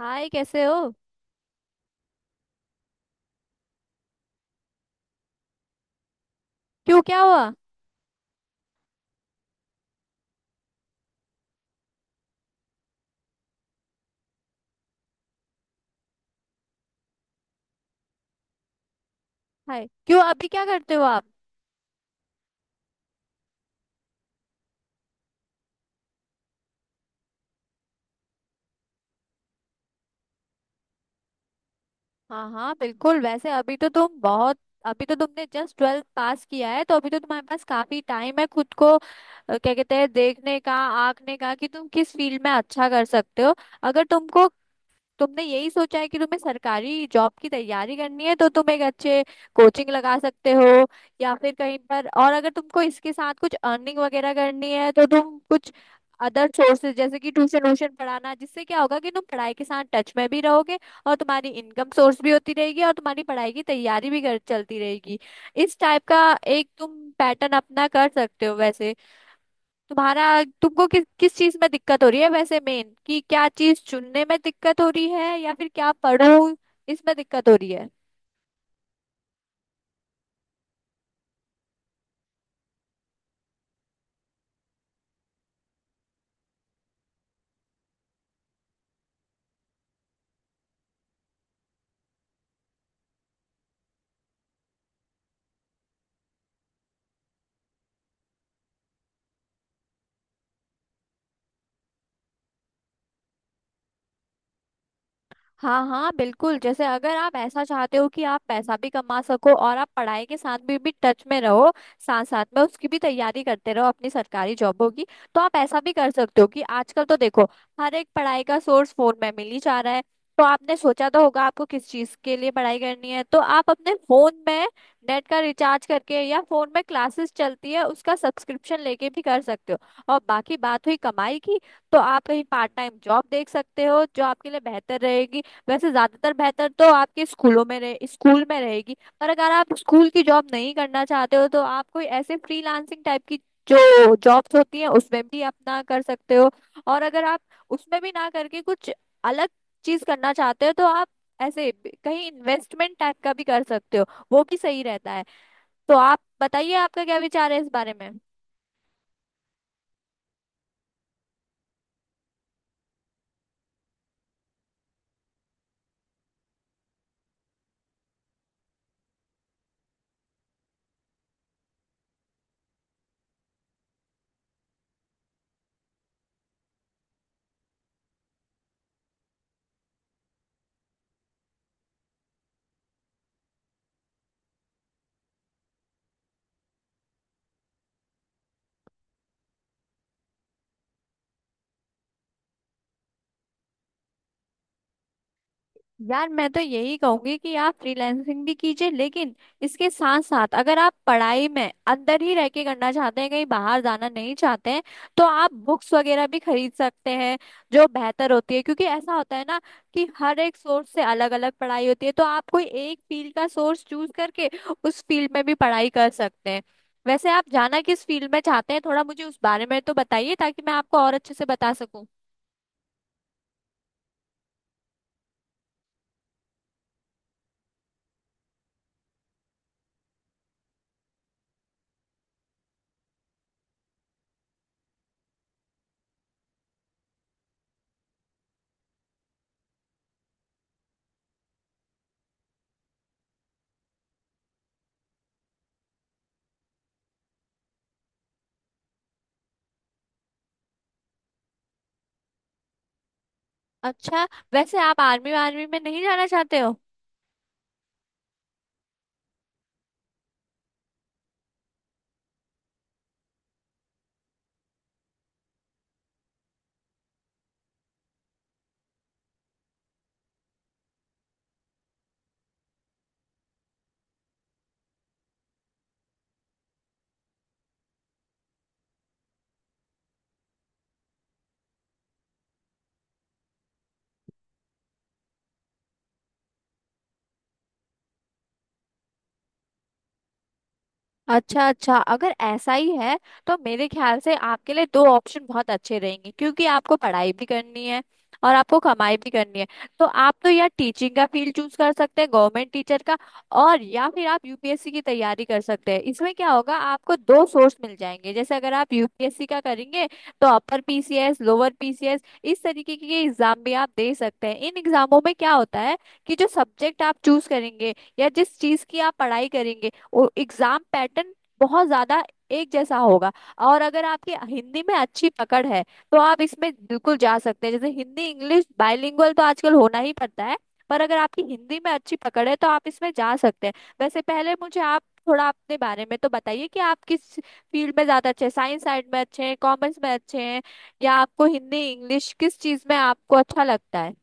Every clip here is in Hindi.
हाय, कैसे हो। क्यों, क्या हुआ। हाय, क्यों अभी क्या करते हो आप। हाँ हाँ बिल्कुल। वैसे अभी तो तुम बहुत, अभी तो तुमने जस्ट ट्वेल्थ पास किया है तो अभी तो तुम्हारे पास काफी टाइम है खुद को क्या कहते हैं, देखने का, आंकने का कि तुम किस फील्ड में अच्छा कर सकते हो। अगर तुमको, तुमने यही सोचा है कि तुम्हें सरकारी जॉब की तैयारी करनी है तो तुम एक अच्छे कोचिंग लगा सकते हो या फिर कहीं पर, और अगर तुमको इसके साथ कुछ अर्निंग वगैरह करनी है तो तुम कुछ अदर सोर्सेज जैसे कि ट्यूशन व्यूशन पढ़ाना, जिससे क्या होगा कि तुम पढ़ाई के साथ टच में भी रहोगे और तुम्हारी इनकम सोर्स भी होती रहेगी और तुम्हारी पढ़ाई की तैयारी भी कर, चलती रहेगी। इस टाइप का एक तुम पैटर्न अपना कर सकते हो। वैसे तुम्हारा, तुमको किस किस चीज में दिक्कत हो रही है वैसे, मेन कि क्या चीज चुनने में दिक्कत हो रही है या फिर क्या पढ़ूं इसमें दिक्कत हो रही है। हाँ हाँ बिल्कुल, जैसे अगर आप ऐसा चाहते हो कि आप पैसा भी कमा सको और आप पढ़ाई के साथ भी टच में रहो, साथ साथ में उसकी भी तैयारी करते रहो अपनी सरकारी जॉबों की, तो आप ऐसा भी कर सकते हो कि आजकल तो देखो हर एक पढ़ाई का सोर्स फोन में मिल ही जा रहा है। तो आपने सोचा तो होगा आपको किस चीज के लिए पढ़ाई करनी है, तो आप अपने फोन में नेट का रिचार्ज करके, या फोन में क्लासेस चलती है उसका सब्सक्रिप्शन लेके भी कर सकते हो। और बाकी बात हुई कमाई की, तो आप कहीं पार्ट टाइम जॉब देख सकते हो जो आपके लिए बेहतर रहेगी। वैसे ज्यादातर बेहतर तो आपके स्कूलों में रहे, स्कूल में रहेगी, पर अगर आप स्कूल की जॉब नहीं करना चाहते हो तो आप कोई ऐसे फ्रीलांसिंग टाइप की जो जॉब्स होती हैं उसमें भी अपना कर सकते हो। और अगर आप उसमें भी ना करके कुछ अलग चीज करना चाहते हो तो आप ऐसे कहीं इन्वेस्टमेंट टाइप का भी कर सकते हो, वो भी सही रहता है। तो आप बताइए आपका क्या विचार है इस बारे में। यार, मैं तो यही कहूंगी कि आप फ्रीलैंसिंग भी कीजिए, लेकिन इसके साथ साथ, अगर आप पढ़ाई में अंदर ही रह के करना चाहते हैं, कहीं बाहर जाना नहीं चाहते हैं, तो आप बुक्स वगैरह भी खरीद सकते हैं जो बेहतर होती है। क्योंकि ऐसा होता है ना कि हर एक सोर्स से अलग अलग पढ़ाई होती है, तो आप कोई एक फील्ड का सोर्स चूज करके उस फील्ड में भी पढ़ाई कर सकते हैं। वैसे आप जाना किस फील्ड में चाहते हैं, थोड़ा मुझे उस बारे में तो बताइए ताकि मैं आपको और अच्छे से बता सकूं। अच्छा, वैसे आप आर्मी आर्मी में नहीं जाना चाहते हो। अच्छा अच्छा, अगर ऐसा ही है तो मेरे ख्याल से आपके लिए दो ऑप्शन बहुत अच्छे रहेंगे, क्योंकि आपको पढ़ाई भी करनी है और आपको कमाई भी करनी है। तो आप तो, या टीचिंग का फील्ड चूज कर सकते हैं, गवर्नमेंट टीचर का, और या फिर आप यूपीएससी की तैयारी कर सकते हैं। इसमें क्या होगा, आपको दो सोर्स मिल जाएंगे। जैसे अगर आप यूपीएससी का करेंगे तो अपर पीसीएस, लोअर पीसीएस, इस तरीके के एग्जाम भी आप दे सकते हैं। इन एग्जामों में क्या होता है कि जो सब्जेक्ट आप चूज करेंगे या जिस चीज की आप पढ़ाई करेंगे और एग्जाम पैटर्न बहुत ज्यादा एक जैसा होगा। और अगर आपकी हिंदी में अच्छी पकड़ है तो आप इसमें बिल्कुल जा सकते हैं। जैसे हिंदी इंग्लिश बाइलिंगुअल तो आजकल होना ही पड़ता है, पर अगर आपकी हिंदी में अच्छी पकड़ है तो आप इसमें जा सकते हैं। वैसे पहले मुझे आप थोड़ा अपने बारे में तो बताइए कि आप किस फील्ड में ज्यादा अच्छे हैं, साइंस साइड में अच्छे हैं, कॉमर्स में अच्छे हैं, या आपको हिंदी इंग्लिश, किस चीज में आपको अच्छा लगता है।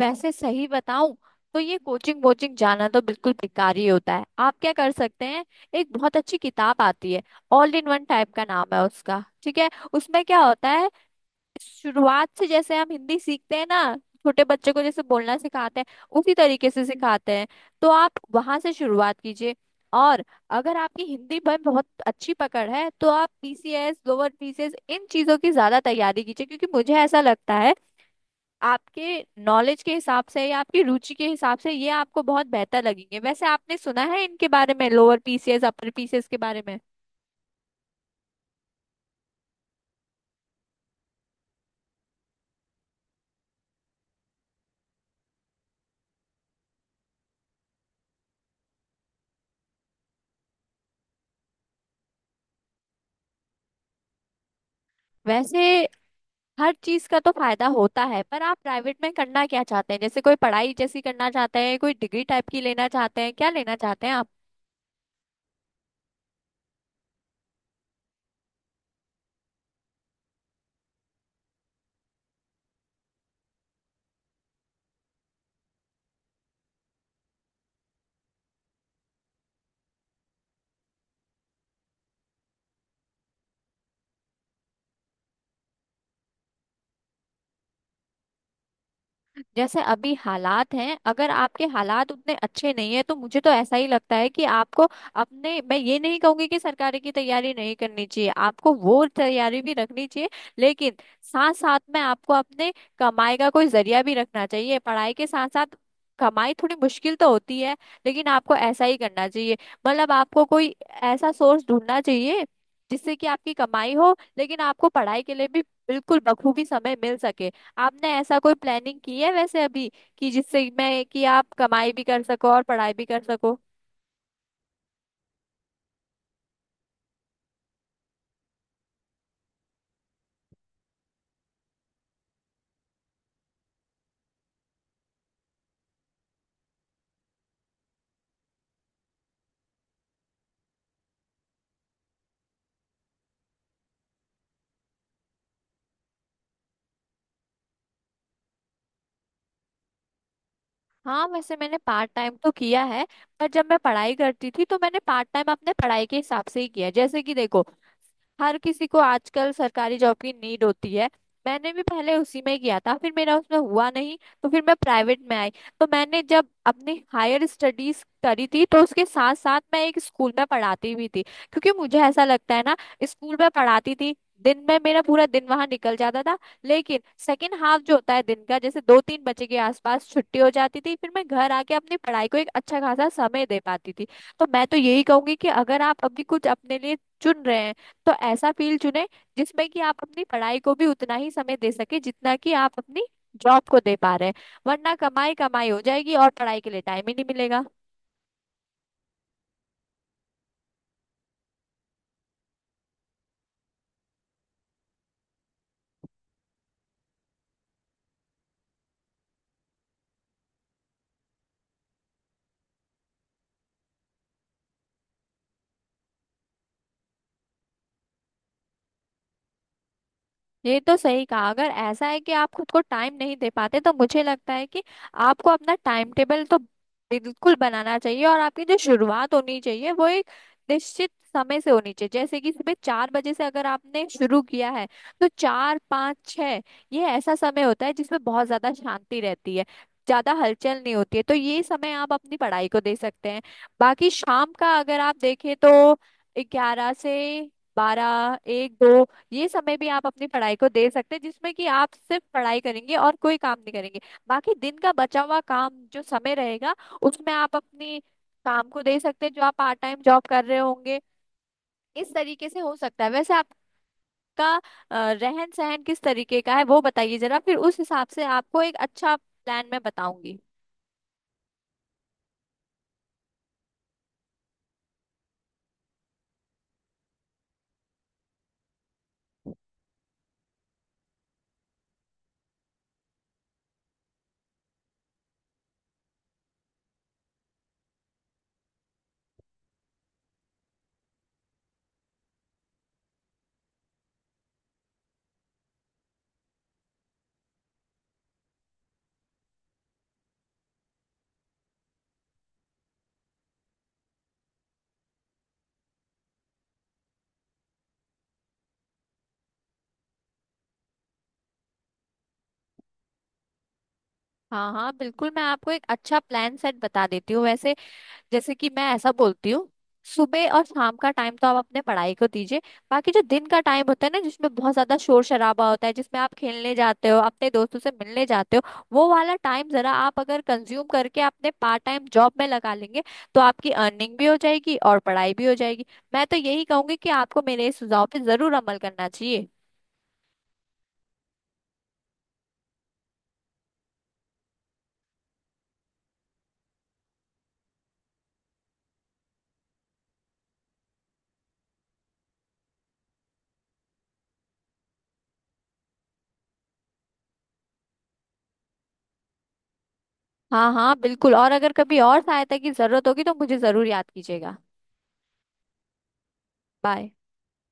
वैसे सही बताऊं तो ये कोचिंग वोचिंग जाना तो बिल्कुल बेकार ही होता है। आप क्या कर सकते हैं, एक बहुत अच्छी किताब आती है, ऑल इन वन टाइप का नाम है उसका, ठीक है। उसमें क्या होता है, शुरुआत से जैसे हम हिंदी सीखते हैं ना, छोटे बच्चे को जैसे बोलना सिखाते हैं उसी तरीके से सिखाते हैं। तो आप वहां से शुरुआत कीजिए। और अगर आपकी हिंदी में बहुत अच्छी पकड़ है तो आप पीसीएस, लोअर पीसीएस, इन चीजों की ज्यादा तैयारी कीजिए, क्योंकि मुझे ऐसा लगता है आपके नॉलेज के हिसाब से या आपकी रुचि के हिसाब से ये आपको बहुत बेहतर लगेंगे। वैसे आपने सुना है इनके बारे में, लोअर पीसीएस अपर पीसीएस के बारे में। वैसे हर चीज का तो फायदा होता है, पर आप प्राइवेट में करना क्या चाहते हैं, जैसे कोई पढ़ाई जैसी करना चाहते हैं, कोई डिग्री टाइप की लेना चाहते हैं, क्या लेना चाहते हैं आप। जैसे अभी हालात हैं, अगर आपके हालात उतने अच्छे नहीं है, तो मुझे तो ऐसा ही लगता है कि आपको अपने, मैं ये नहीं कहूंगी कि सरकारी की तैयारी नहीं करनी चाहिए, आपको वो तैयारी भी रखनी चाहिए, लेकिन साथ साथ में आपको अपने कमाई का कोई जरिया भी रखना चाहिए, पढ़ाई के साथ साथ। कमाई थोड़ी मुश्किल तो होती है, लेकिन आपको ऐसा ही करना चाहिए। मतलब आपको कोई ऐसा सोर्स ढूंढना चाहिए जिससे कि आपकी कमाई हो, लेकिन आपको पढ़ाई के लिए भी बिल्कुल बखूबी समय मिल सके। आपने ऐसा कोई प्लानिंग की है वैसे अभी, कि जिससे मैं, कि आप कमाई भी कर सको और पढ़ाई भी कर सको। हाँ वैसे मैंने पार्ट टाइम तो किया है, पर जब मैं पढ़ाई करती थी तो मैंने पार्ट टाइम अपने पढ़ाई के हिसाब से ही किया। जैसे कि देखो, हर किसी को आजकल सरकारी जॉब की नीड होती है, मैंने भी पहले उसी में किया था, फिर मेरा उसमें हुआ नहीं, तो फिर मैं प्राइवेट में आई। तो मैंने जब अपनी हायर स्टडीज करी थी तो उसके साथ साथ मैं एक स्कूल में पढ़ाती भी थी, क्योंकि मुझे ऐसा लगता है ना। स्कूल में पढ़ाती थी, दिन में मेरा पूरा दिन वहां निकल जाता था, लेकिन सेकेंड हाफ जो होता है दिन का, जैसे 2 3 बजे के आसपास छुट्टी हो जाती थी, फिर मैं घर आके अपनी पढ़ाई को एक अच्छा खासा समय दे पाती थी। तो मैं तो यही कहूंगी कि अगर आप अभी कुछ अपने लिए चुन रहे हैं तो ऐसा फील्ड चुने जिसमें कि आप अपनी पढ़ाई को भी उतना ही समय दे सके जितना कि आप अपनी जॉब को दे पा रहे हैं, वरना कमाई कमाई हो जाएगी और पढ़ाई के लिए टाइम ही नहीं मिलेगा। ये तो सही कहा, अगर ऐसा है कि आप खुद को टाइम नहीं दे पाते तो मुझे लगता है कि आपको अपना टाइम टेबल तो बिल्कुल बनाना चाहिए, और आपकी जो शुरुआत होनी चाहिए वो एक निश्चित समय से होनी चाहिए। जैसे कि सुबह 4 बजे से अगर आपने शुरू किया है, तो 4 5 6, ये ऐसा समय होता है जिसमें बहुत ज्यादा शांति रहती है, ज्यादा हलचल नहीं होती है, तो ये समय आप अपनी पढ़ाई को दे सकते हैं। बाकी शाम का अगर आप देखें तो 11 से 12 1 2 ये समय भी आप अपनी पढ़ाई को दे सकते हैं जिसमें कि आप सिर्फ पढ़ाई करेंगे और कोई काम नहीं करेंगे। बाकी दिन का बचा हुआ काम, जो समय रहेगा, उसमें आप अपनी काम को दे सकते हैं जो आप पार्ट टाइम जॉब कर रहे होंगे। इस तरीके से हो सकता है। वैसे आपका रहन सहन किस तरीके का है वो बताइए जरा, फिर उस हिसाब से आपको एक अच्छा प्लान मैं बताऊंगी। हाँ हाँ बिल्कुल, मैं आपको एक अच्छा प्लान सेट बता देती हूँ। वैसे जैसे कि मैं ऐसा बोलती हूँ, सुबह और शाम का टाइम तो आप अपने पढ़ाई को दीजिए, बाकी जो दिन का टाइम होता है ना जिसमें बहुत ज्यादा शोर शराबा होता है, जिसमें आप खेलने जाते हो, अपने दोस्तों से मिलने जाते हो, वो वाला टाइम जरा आप अगर कंज्यूम करके अपने पार्ट टाइम जॉब में लगा लेंगे, तो आपकी अर्निंग भी हो जाएगी और पढ़ाई भी हो जाएगी। मैं तो यही कहूंगी कि आपको मेरे इस सुझाव पे जरूर अमल करना चाहिए। हाँ हाँ बिल्कुल, और अगर कभी और सहायता की जरूरत होगी तो मुझे जरूर याद कीजिएगा। बाय।